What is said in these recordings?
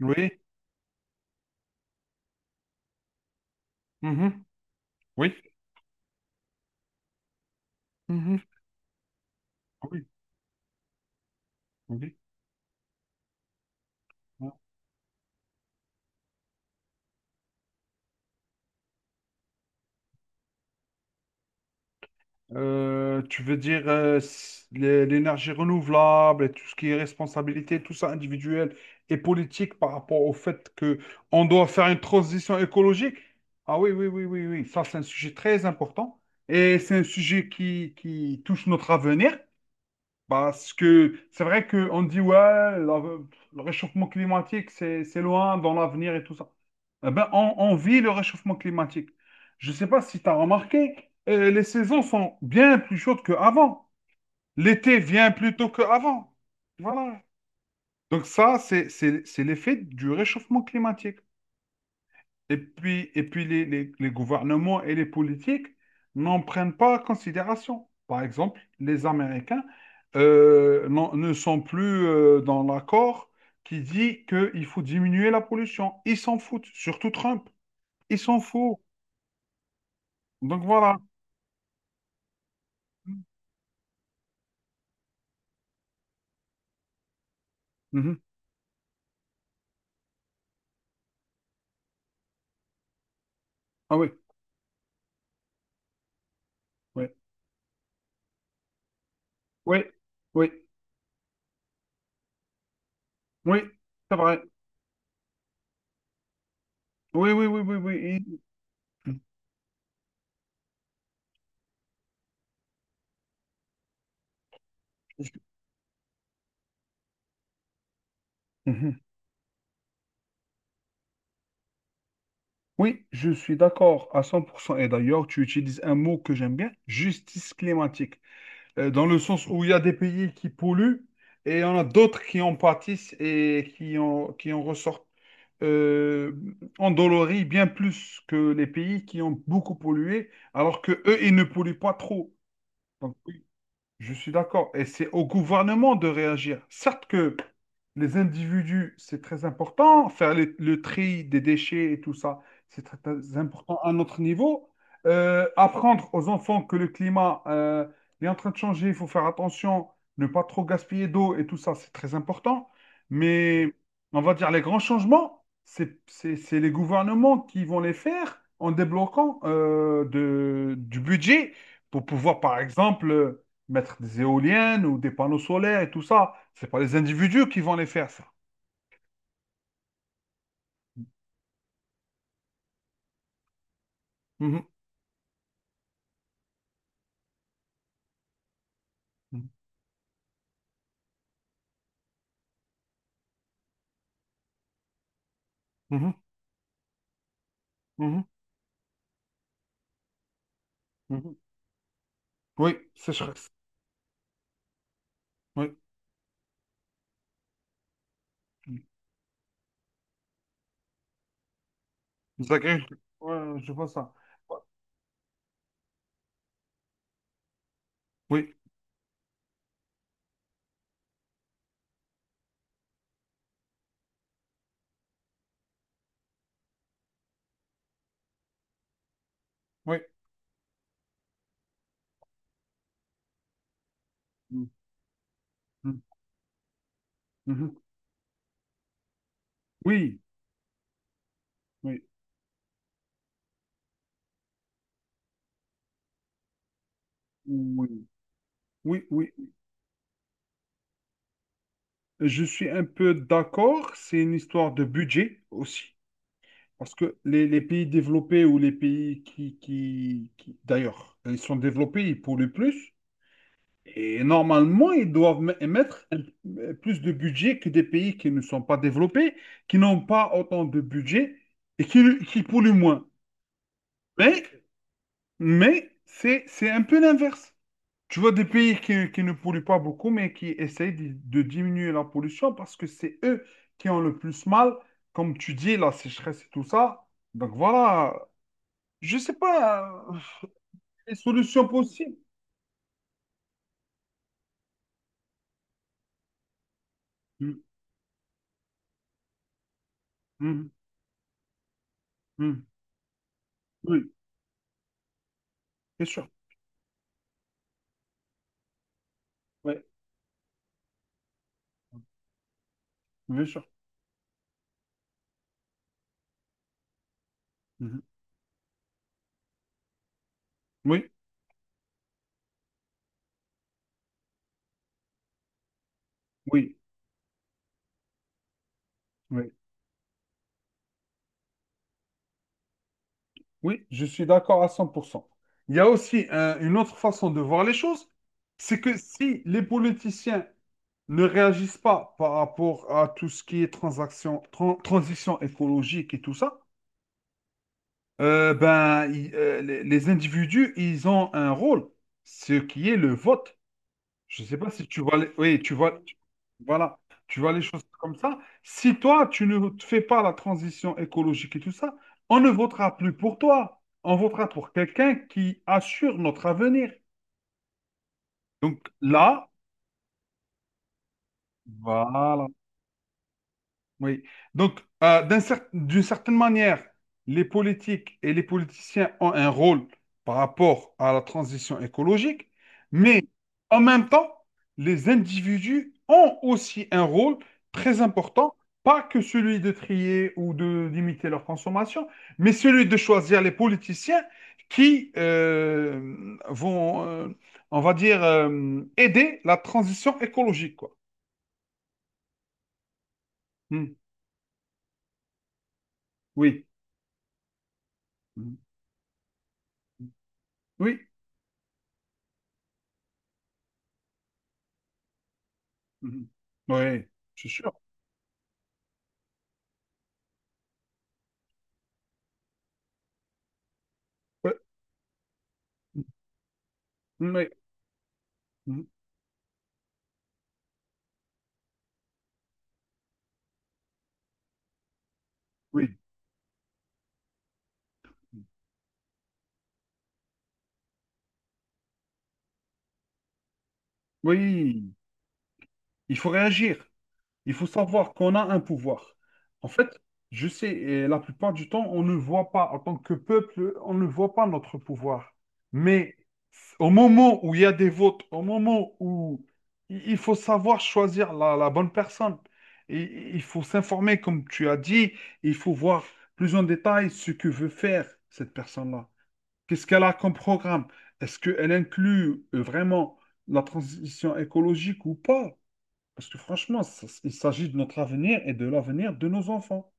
Oui, mhm, oui, mhm, oui, oui. Tu veux dire l'énergie renouvelable et tout ce qui est responsabilité, tout ça individuel et politique par rapport au fait que on doit faire une transition écologique? Ah oui, oui, oui, oui, oui. Ça, c'est un sujet très important et c'est un sujet qui touche notre avenir. Parce que c'est vrai qu'on dit, ouais, le réchauffement climatique, c'est loin dans l'avenir et tout ça. Eh ben, on vit le réchauffement climatique. Je ne sais pas si tu as remarqué, les saisons sont bien plus chaudes qu'avant. L'été vient plus tôt qu'avant. Voilà. Donc ça, c'est l'effet du réchauffement climatique. Et puis les gouvernements et les politiques n'en prennent pas en considération. Par exemple, les Américains ne sont plus dans l'accord qui dit qu'il faut diminuer la pollution. Ils s'en foutent, surtout Trump. Ils s'en foutent. Donc voilà. Mhm. Ah oui, oui, oui, oui, oui, c'est vrai. Oui, oui, oui, oui, oui. Mhm. Oui, je suis d'accord à 100%. Et d'ailleurs, tu utilises un mot que j'aime bien, justice climatique. Dans le sens où il y a des pays qui polluent et il y en a d'autres qui en pâtissent et qui en ressortent euh, endoloris bien plus que les pays qui ont beaucoup pollué, alors que eux, ils ne polluent pas trop. Donc, oui. Je suis d'accord. Et c'est au gouvernement de réagir. Certes que les individus, c'est très important, faire le tri des déchets et tout ça, c'est très important à notre niveau. Apprendre aux enfants que le climat est en train de changer, il faut faire attention, ne pas trop gaspiller d'eau et tout ça, c'est très important. Mais on va dire les grands changements, c'est les gouvernements qui vont les faire en débloquant du budget pour pouvoir, par exemple mettre des éoliennes ou des panneaux solaires et tout ça. C'est pas les individus qui vont les faire, ça. Mhm, mhm, mhm, mhm, mhm. Oui, sécheresse. Oui. Les agriculteurs. Ouais, je vois ça. Oui, oui. Mhm, mhm. Oui, oui, oui, oui, oui. Je suis un peu d'accord. C'est une histoire de budget aussi. Parce que les pays développés ou les pays d'ailleurs, ils sont développés, ils polluent plus. Et normalement, ils doivent émettre plus de budget que des pays qui ne sont pas développés, qui n'ont pas autant de budget et qui polluent moins. Mais, mais c'est un peu l'inverse. Tu vois des pays qui ne polluent pas beaucoup, mais qui essayent de diminuer la pollution parce que c'est eux qui ont le plus mal, comme tu dis, la sécheresse et tout ça. Donc voilà, je sais pas les solutions possibles. Mm, mm, mm. Oui, bien sûr. Oui, bien sûr. Mhm. Oui, oui, oui, oui, je suis d'accord à 100%. Il y a aussi une autre façon de voir les choses, c'est que si les politiciens ne réagissent pas par rapport à tout ce qui est transition écologique et tout ça, les individus, ils ont un rôle, ce qui est le vote. Je ne sais pas si tu vois les... Oui, tu vois... Voilà, tu vois les choses comme ça. Si toi, tu ne te fais pas la transition écologique et tout ça, on ne votera plus pour toi. On votera pour quelqu'un qui assure notre avenir. Donc là, voilà. Oui. Donc, d'une certaine manière, les politiques et les politiciens ont un rôle par rapport à la transition écologique, mais en même temps, les individus ont aussi un rôle très important, pas que celui de trier ou de limiter leur consommation, mais celui de choisir les politiciens qui on va dire, aider la transition écologique, quoi. Hmm. Oui. Hmm. Oui. Mhm. Ouais, c'est sûr. Ouais. Mhm. Ouais. Mhm. Oui. Oui, il faut réagir. Il faut savoir qu'on a un pouvoir. En fait, je sais, et la plupart du temps, on ne voit pas, en tant que peuple, on ne voit pas notre pouvoir. Mais au moment où il y a des votes, au moment où il faut savoir choisir la bonne personne, et il faut s'informer, comme tu as dit, il faut voir plus en détail ce que veut faire cette personne-là. Qu'est-ce qu'elle a comme programme? Est-ce qu'elle inclut vraiment la transition écologique ou pas? Parce que franchement, il s'agit de notre avenir et de l'avenir de nos enfants.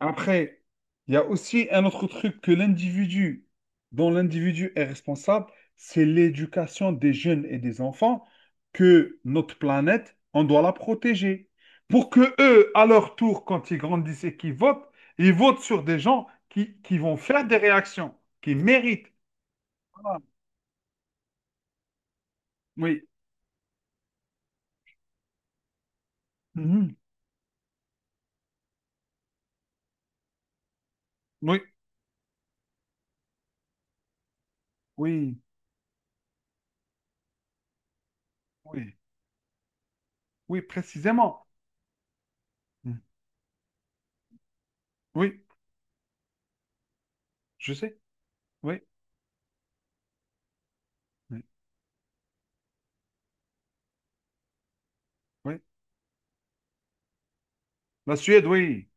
Après, il y a aussi un autre truc que l'individu, dont l'individu est responsable, c'est l'éducation des jeunes et des enfants, que notre planète, on doit la protéger. Pour que eux, à leur tour, quand ils grandissent et qu'ils votent, ils votent sur des gens qui vont faire des réactions, qui méritent. Voilà. Oui, mhm, oui, oui, oui, oui, précisément. Mm, oui, je sais. Oui, oui, oui. La Suède, oui,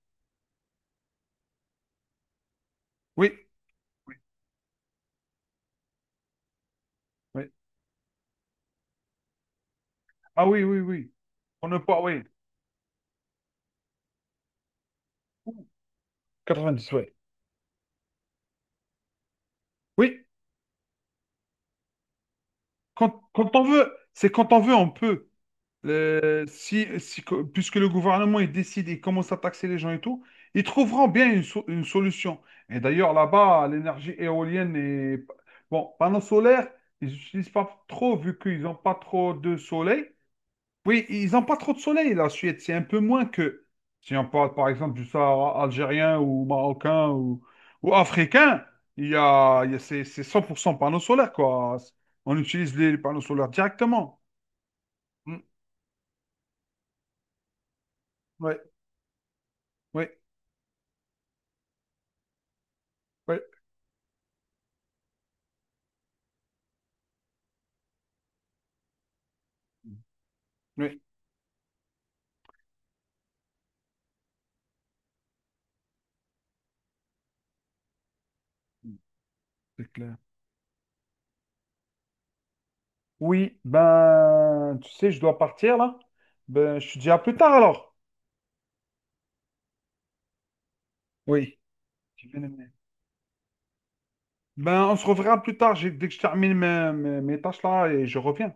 oui, oui, oui. Ah oui, oui, oui. On ne peut, oui. Ouh, dix oui. Oui, quand, quand on veut, c'est quand on veut, on peut. Puisque le gouvernement il décide, il commence à taxer les gens et tout, ils trouveront bien une, une solution. Et d'ailleurs, là-bas, l'énergie éolienne est... Bon, panneaux solaires, ils n'utilisent pas trop vu qu'ils n'ont pas trop de soleil. Oui, ils n'ont pas trop de soleil, la Suède. C'est un peu moins que si on parle par exemple du Sahara algérien ou marocain ou africain, il y a c'est 100% panneaux solaires, quoi. On utilise les panneaux solaires directement. Mm. Ouais, ouais, ouais. Oui, c'est clair. Oui, ben, tu sais, je dois partir là. Ben, je te dis à plus tard alors. Oui. J'ai bien aimé. Ben, on se reverra plus tard, dès que je termine mes, mes tâches là et je reviens.